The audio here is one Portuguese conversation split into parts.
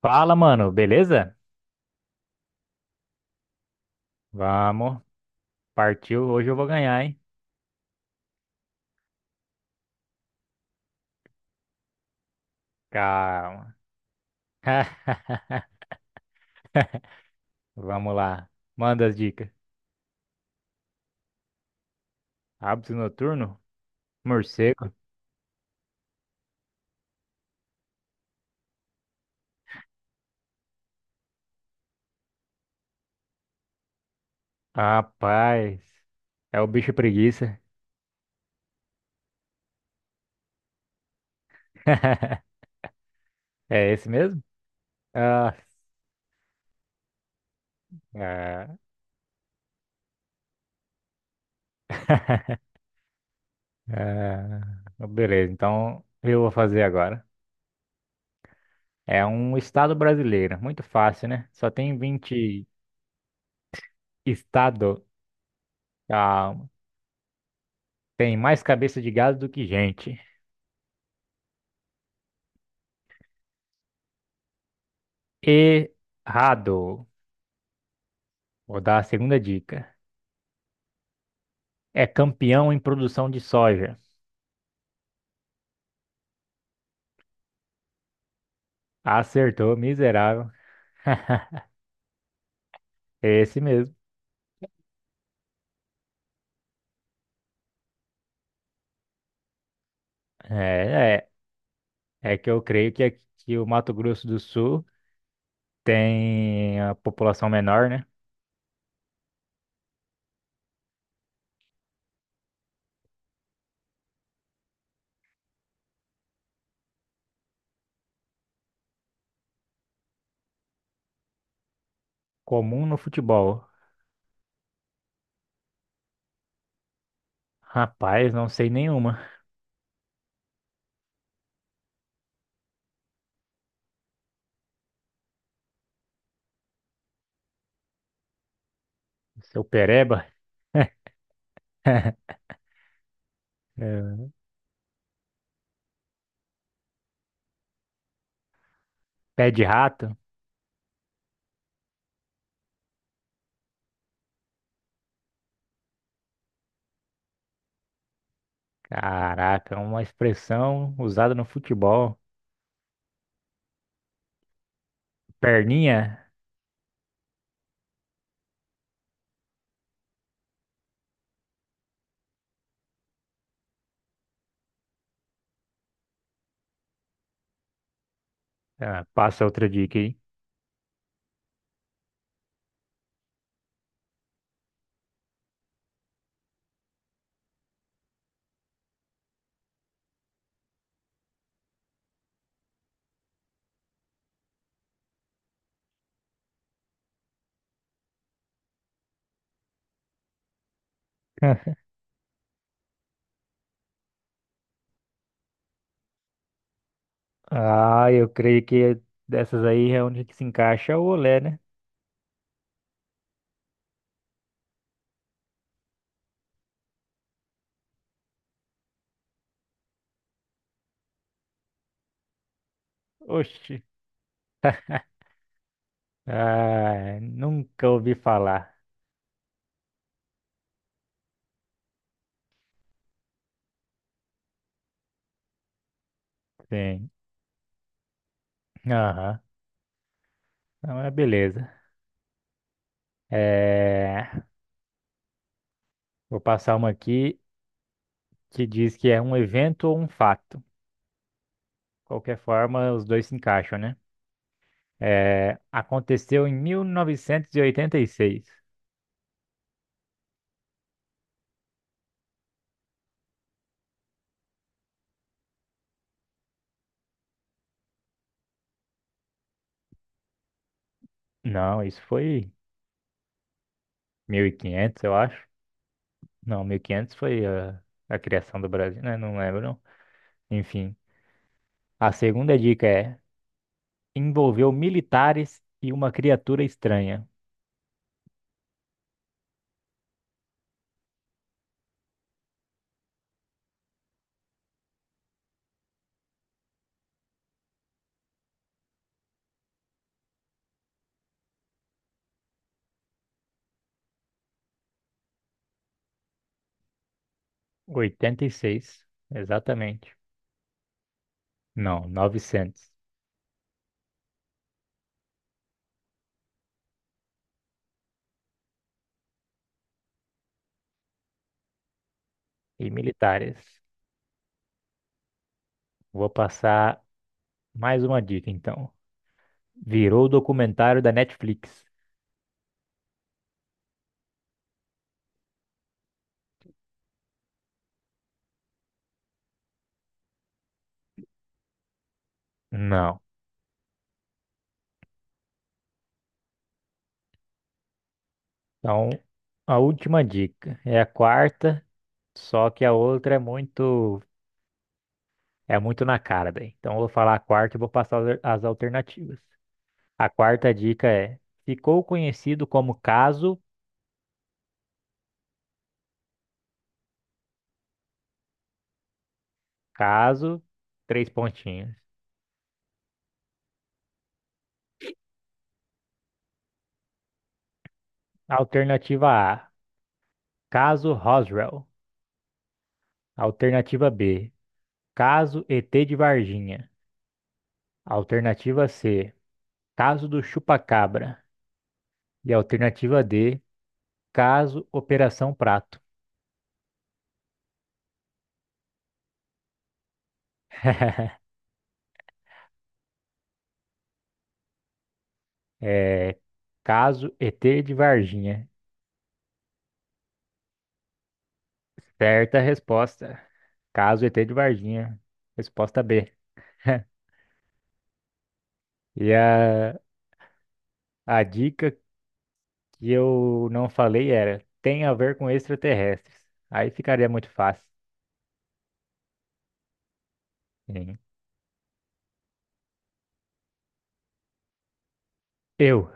Fala, mano, beleza? Vamos, partiu. Hoje eu vou ganhar, hein? Calma. Vamos lá. Manda as dicas. Hábito noturno? Morcego? Rapaz, é o bicho preguiça. É esse mesmo? Ah, ah, ah. Beleza, então eu vou fazer agora. É um estado brasileiro, muito fácil, né? Só tem 20 estado. Calma. Tem mais cabeça de gado do que gente. Errado. Vou dar a segunda dica. É campeão em produção de soja. Acertou, miserável. Esse mesmo. É, é. É que eu creio que aqui o Mato Grosso do Sul tem a população menor, né? Comum no futebol. Rapaz, não sei nenhuma. Seu pereba, é, pé de rato. Caraca, uma expressão usada no futebol. Perninha. Ah, passa outra dica aí. Ah, eu creio que dessas aí é onde que se encaixa o olé, né? Oxi. Ah, nunca ouvi falar. Sim. Aham. Não, é beleza. É, vou passar uma aqui que diz que é um evento ou um fato. Qualquer forma, os dois se encaixam, né? É, aconteceu em 1986. Não, isso foi 1500, eu acho. Não, 1500 foi a, criação do Brasil, né? Não lembro, não. Enfim. A segunda dica é: envolveu militares e uma criatura estranha. 86, exatamente. Não, 900. E militares. Vou passar mais uma dica, então. Virou documentário da Netflix. Não. Então, a última dica é a quarta, só que a outra muito na cara daí. Então, eu vou falar a quarta e vou passar as alternativas. A quarta dica é: ficou conhecido como caso, caso, três pontinhos. Alternativa A, caso Roswell. Alternativa B, caso ET de Varginha. Alternativa C, caso do Chupacabra. E alternativa D, caso Operação Prato. É, caso ET de Varginha. Certa resposta. Caso ET de Varginha. Resposta B. E a dica que eu não falei era: tem a ver com extraterrestres. Aí ficaria muito fácil. Sim. Eu.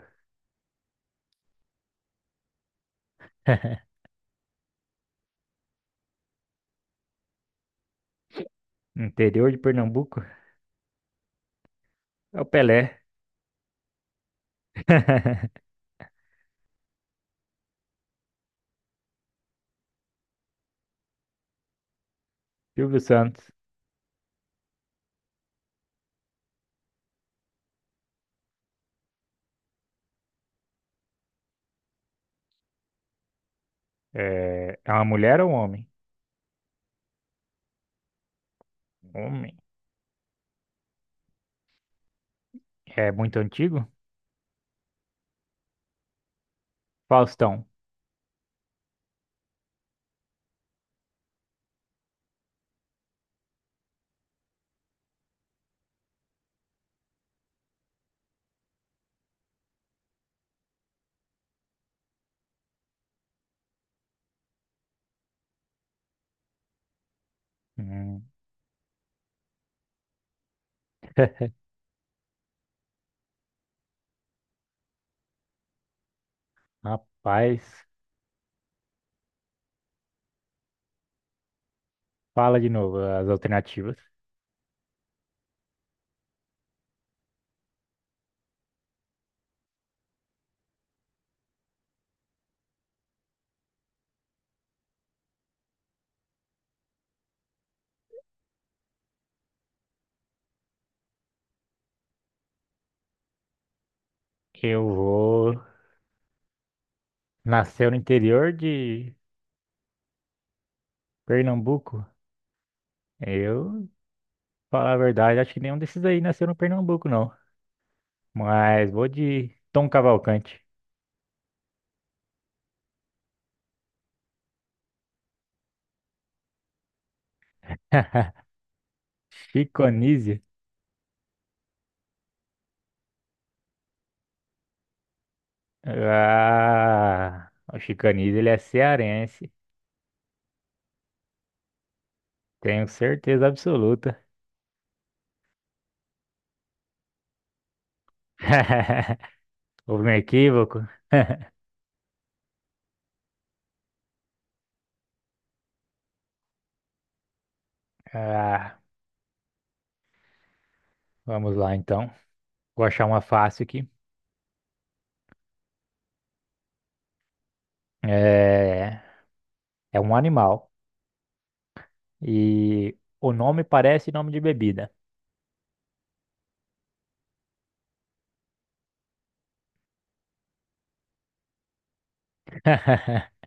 Interior de Pernambuco? É o Pelé. Silvio Santos. É, é uma mulher ou um homem? Homem. É muito antigo? Faustão. Hum. Rapaz, fala de novo as alternativas. Eu vou. Nasceu no interior de Pernambuco? Eu, falar a verdade, acho que nenhum desses aí nasceu no Pernambuco, não. Mas vou de Tom Cavalcante. Chico Ah, o Chicanis, ele é cearense. Tenho certeza absoluta. Houve um equívoco. Ah, vamos lá então. Vou achar uma fácil aqui. É, é um animal. E o nome parece nome de bebida.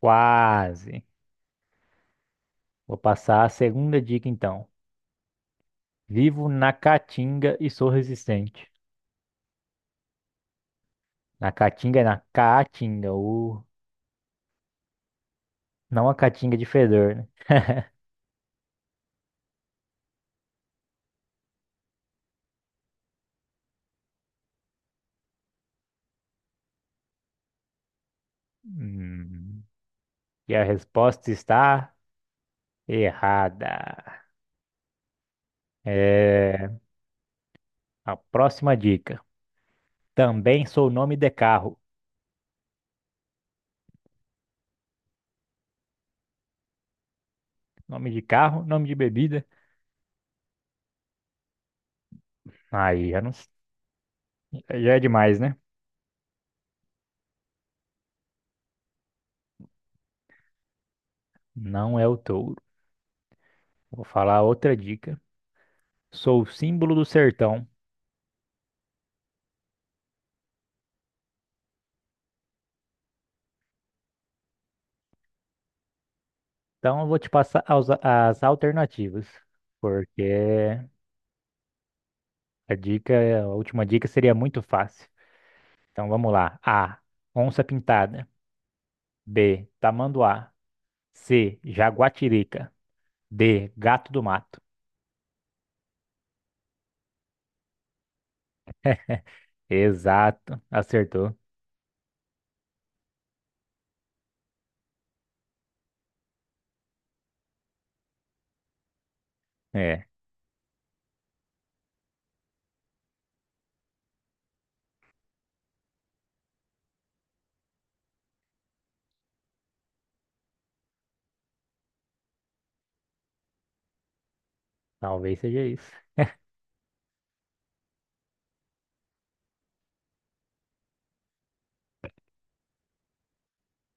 Quase. Vou passar a segunda dica então. Vivo na caatinga e sou resistente. Na caatinga é na caatinga, não a caatinga de fedor, né? Hum. E a resposta está errada. É a próxima dica. Também sou nome de carro. Nome de carro, nome de bebida. Aí já não, já é demais, né? Não é o touro. Vou falar outra dica. Sou o símbolo do sertão. Então eu vou te passar as alternativas, porque a dica, a última dica seria muito fácil. Então vamos lá. A. Onça pintada. B. Tamanduá. C. Jaguatirica. D, gato do mato. Exato, acertou. É, talvez seja isso.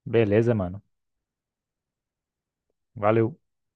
Beleza, mano. Valeu.